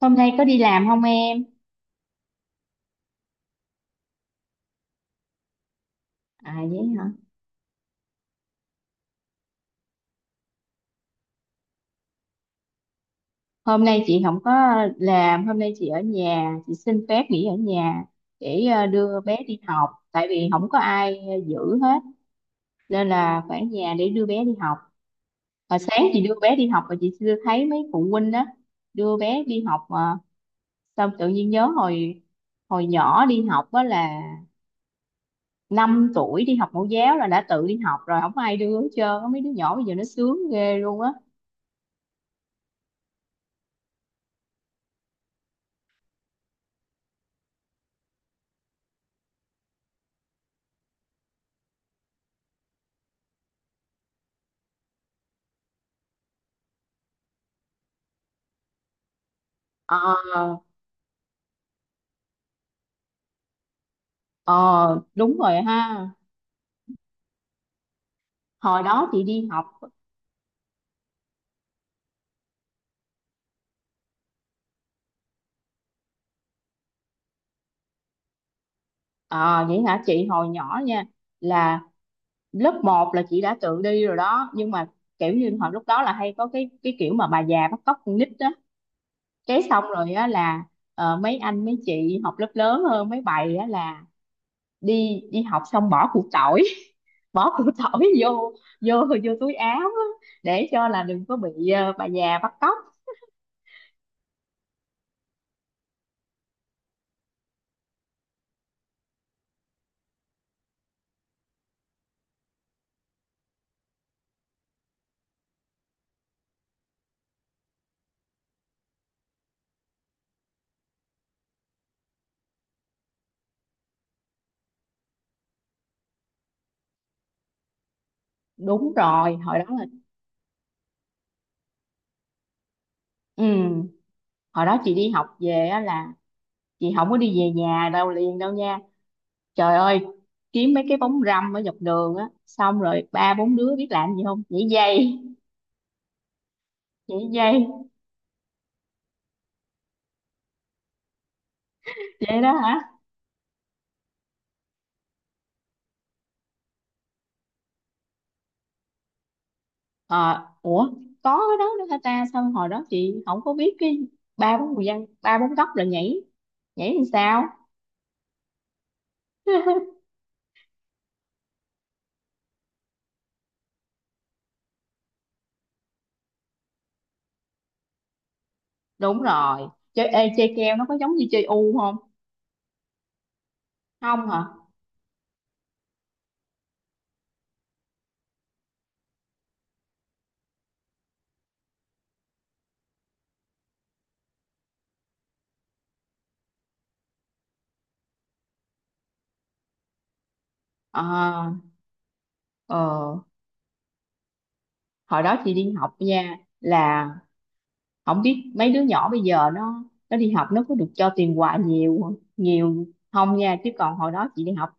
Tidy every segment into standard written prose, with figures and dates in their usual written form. Hôm nay có đi làm không em? À, vậy hả? Hôm nay chị không có làm, hôm nay chị ở nhà, chị xin phép nghỉ ở nhà để đưa bé đi học, tại vì không có ai giữ hết, nên là phải ở nhà để đưa bé đi học. Và sáng chị đưa bé đi học và chị chưa thấy mấy phụ huynh đó đưa bé đi học mà xong tự nhiên nhớ hồi hồi nhỏ đi học đó là 5 tuổi đi học mẫu giáo là đã tự đi học rồi, không có ai đưa hết trơn á. Mấy đứa nhỏ bây giờ nó sướng ghê luôn á. ờ Ờ, đúng rồi ha. Hồi đó chị đi học, à, vậy hả chị? Hồi nhỏ nha, là lớp 1 là chị đã tự đi rồi đó. Nhưng mà kiểu như hồi lúc đó là hay có cái kiểu mà bà già bắt cóc con nít đó. Cái xong rồi á là mấy anh mấy chị học lớp lớn hơn mấy bầy á là đi đi học xong bỏ củ tỏi, bỏ củ tỏi vô vô vô túi áo á, để cho là đừng có bị bà già bắt cóc. Đúng rồi hồi đó là, ừ, hồi đó chị đi học về á là chị không có đi về nhà đâu liền đâu nha. Trời ơi, kiếm mấy cái bóng râm ở dọc đường á, xong rồi ba bốn đứa biết làm gì không? Nhảy dây, nhảy dây. Vậy đó hả? Ờ Ủa, có cái đó nữa hả ta? Sao hồi đó chị không có biết? Cái ba bốn người dân ba bốn góc rồi nhảy nhảy làm sao? Đúng rồi. Chơi keo nó có giống như chơi u không? Không hả? ờ ờ Hồi đó chị đi học nha, là không biết mấy đứa nhỏ bây giờ nó đi học nó có được cho tiền quà nhiều nhiều không nha. Chứ còn hồi đó chị đi học,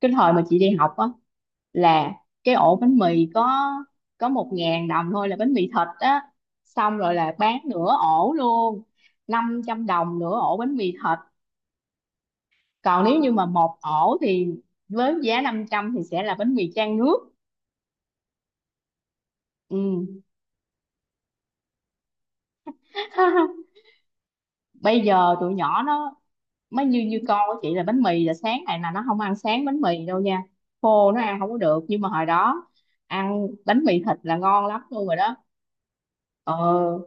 cái thời mà chị đi học á là cái ổ bánh mì có 1.000 đồng thôi là bánh mì thịt á, xong rồi là bán nửa ổ luôn, 500 đồng nửa ổ bánh mì thịt. Còn nếu như mà một ổ thì với giá 500 thì sẽ là bánh mì chan nước. Ừ. Bây giờ tụi nhỏ nó mới như như con của chị là bánh mì, là sáng này là nó không ăn sáng bánh mì đâu nha, khô nó ăn không có được. Nhưng mà hồi đó ăn bánh mì thịt là ngon lắm luôn rồi đó. ờ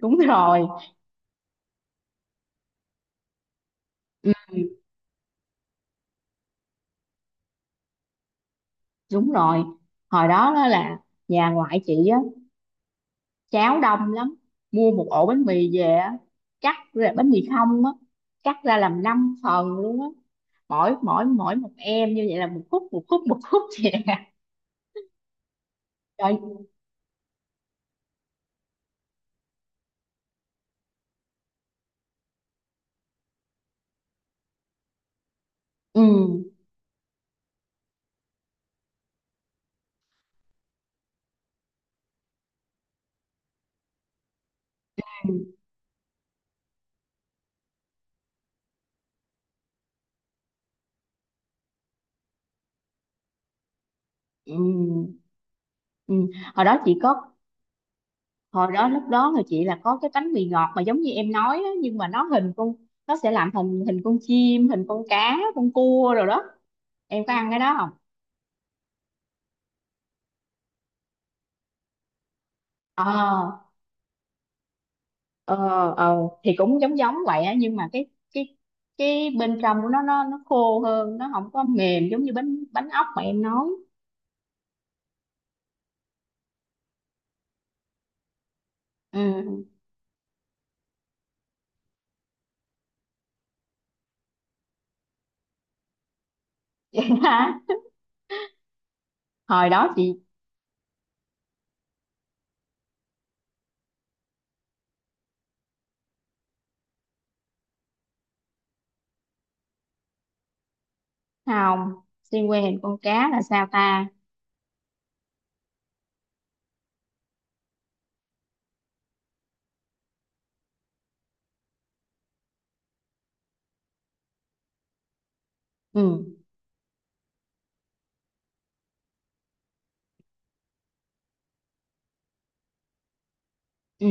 Đúng rồi. Ừ, đúng rồi. Hồi đó đó là nhà ngoại chị á, cháo đông lắm, mua một ổ bánh mì về á, cắt ra bánh mì không á, cắt ra làm 5 phần luôn á. Mỗi mỗi mỗi một em như vậy là một khúc, một khúc, một khúc vậy nè. Trời, ừ, ừ, ừ. hồi đó chị có Hồi đó lúc đó là chị là có cái bánh mì ngọt mà giống như em nói á, nhưng mà nó hình con, nó sẽ làm thành hình con chim, hình con cá, con cua rồi đó. Em có ăn cái đó không? ờ ờ ờ thì cũng giống giống vậy á, nhưng mà cái cái bên trong của nó khô hơn, nó không có mềm giống như bánh bánh ốc mà em nói. Ừ. Vậy hả? Hồi đó chị Không. Xiên que hình con cá là sao ta? Ừ, ừ,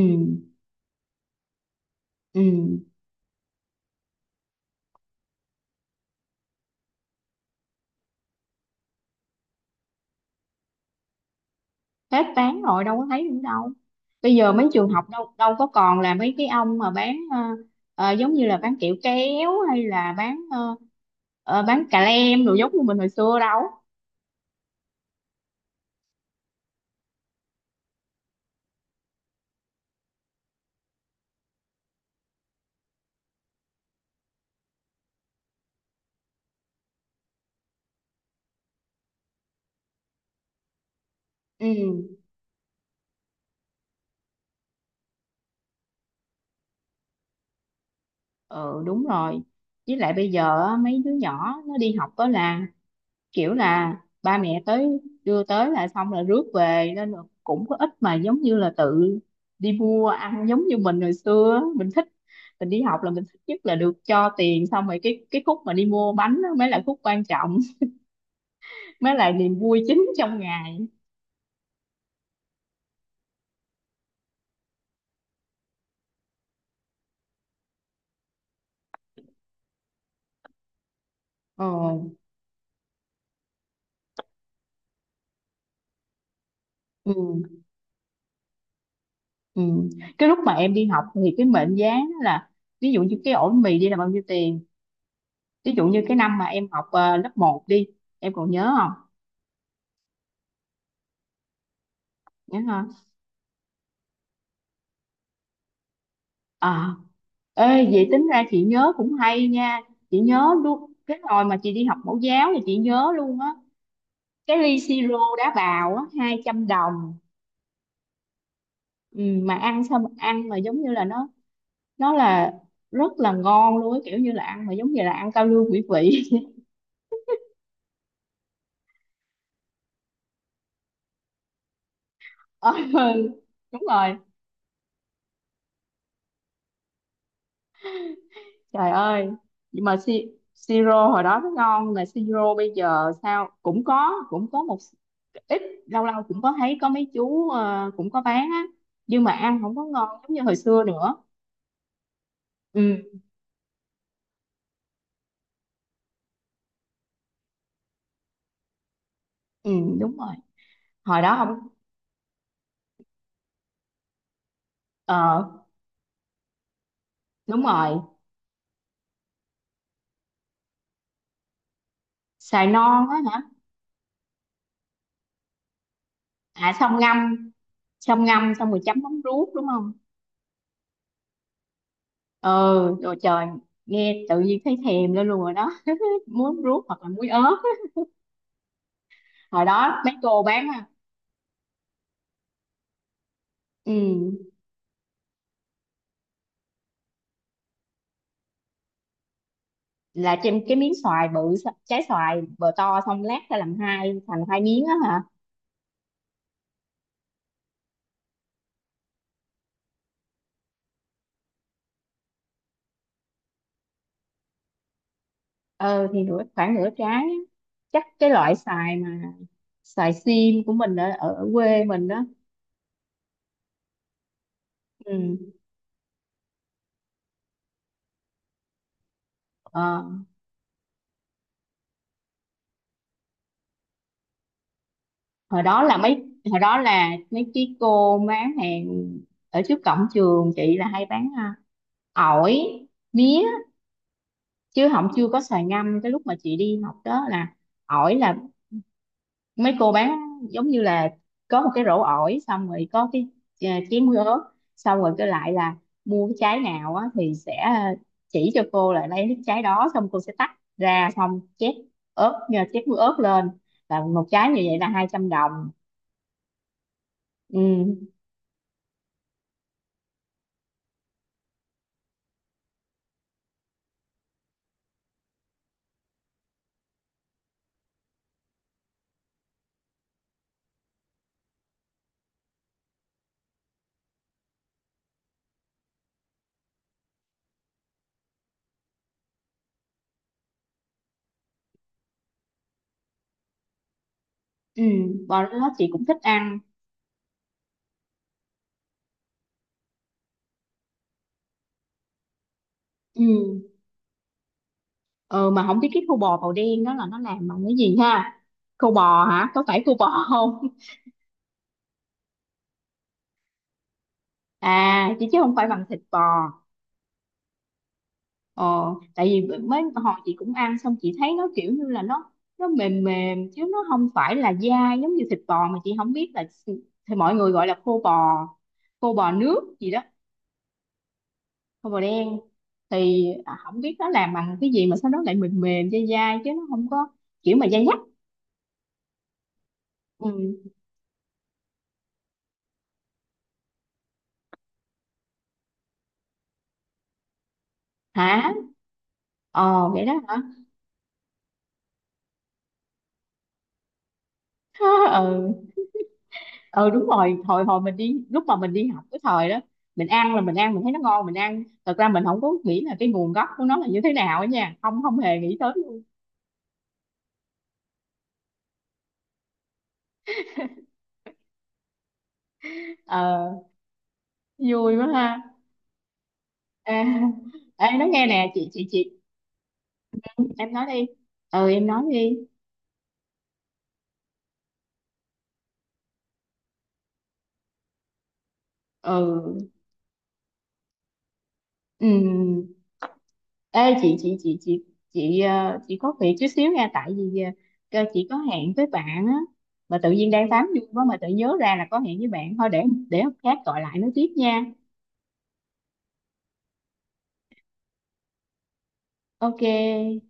ừ, hết bán rồi đâu có thấy nữa đâu. Bây giờ mấy trường học đâu đâu có còn là mấy cái ông mà bán, giống như là bán kẹo kéo hay là bán, bán cà lem đồ giống như mình hồi xưa đâu. Ừ, ừ, đúng rồi. Với lại bây giờ á, mấy đứa nhỏ nó đi học đó là kiểu là ba mẹ tới đưa tới là xong là rước về, nên là cũng có ít mà giống như là tự đi mua ăn giống như mình hồi xưa á. Mình đi học là mình thích nhất là được cho tiền, xong rồi cái khúc mà đi mua bánh đó mới là khúc quan trọng. Mới là niềm vui chính trong ngày. ờ ừ, ừ, cái lúc mà em đi học thì cái mệnh giá đó là, ví dụ như cái ổ mì đi là bao nhiêu tiền, ví dụ như cái năm mà em học lớp 1 đi, em còn nhớ không? Nhớ không? ờ Ê, vậy tính ra chị nhớ cũng hay nha. Chị nhớ luôn cái hồi mà chị đi học mẫu giáo thì chị nhớ luôn á. Cái ly siro đá bào á 200 đồng. Ừ, mà ăn xong, ăn mà giống như là nó là rất là ngon luôn á, kiểu như là ăn mà giống như là ăn cao lương mỹ vị. Ờ, ừ, đúng rồi. Trời ơi, nhưng mà siro hồi đó nó ngon, mà siro bây giờ sao cũng có một ít, lâu lâu cũng có thấy có mấy chú, cũng có bán á, nhưng mà ăn không có ngon giống như hồi xưa nữa. Ừ, ừ, đúng rồi. Hồi đó không. ờ Đúng rồi. Xài non á hả? À, xong ngâm xong rồi chấm mắm ruốc đúng không? Ừ, rồi, trời, nghe tự nhiên thấy thèm lên luôn rồi đó. Muối ruốc hoặc là muối ớt á. Hồi đó mấy cô bán, à, ừ, là trên cái miếng xoài bự, trái xoài bờ to xong lát ra làm hai thành hai miếng á hả? Ờ thì khoảng nửa trái á, chắc cái loại xoài mà xoài sim của mình ở, ở quê mình đó. Ừ. ờ, hồi đó là mấy hồi đó là mấy cái cô bán hàng ở trước cổng trường chị là hay bán, ổi, mía, chứ không, chưa có xoài ngâm. Cái lúc mà chị đi học đó là ổi, là mấy cô bán giống như là có một cái rổ ổi, xong rồi có cái, chén ớt, xong rồi cái lại là mua cái trái nào á, thì sẽ, chỉ cho cô là lấy cái trái đó, xong cô sẽ tách ra, xong chét muối ớt lên, là một trái như vậy là 200 đồng. Ừ, ừ, và đó chị cũng thích ăn. Ừ, ờ mà không biết cái khô bò màu đen đó là nó làm bằng cái gì ha? Khô bò hả? Có phải khô bò không? À, chứ chứ không phải bằng thịt bò. Ờ, tại vì mấy hồi chị cũng ăn, xong chị thấy nó kiểu như là nó mềm mềm, chứ nó không phải là dai giống như thịt bò, mà chị không biết thì mọi người gọi là khô bò nước gì đó. Khô bò đen thì, không biết nó làm bằng cái gì mà sao nó lại mềm mềm dai dai chứ nó không có kiểu mà dai dắt. Ừ. Hả? Vậy đó hả? Ừ, ừ, đúng rồi. Hồi hồi mình đi, lúc mà mình đi học cái thời đó, mình ăn là mình ăn, mình thấy nó ngon, mình ăn thật ra mình không có nghĩ là cái nguồn gốc của nó là như thế nào á nha, không, không hề nghĩ tới luôn. ờ Vui quá ha. À, ê nói nghe nè, chị, em nói đi, ừ em nói đi. Ừ. Ừm. Ê chị, chị có việc chút xíu nha, tại vì cơ chị có hẹn với bạn á, mà tự nhiên đang tám vui quá mà tự nhớ ra là có hẹn với bạn, thôi để hôm khác gọi lại nói tiếp nha. Ok,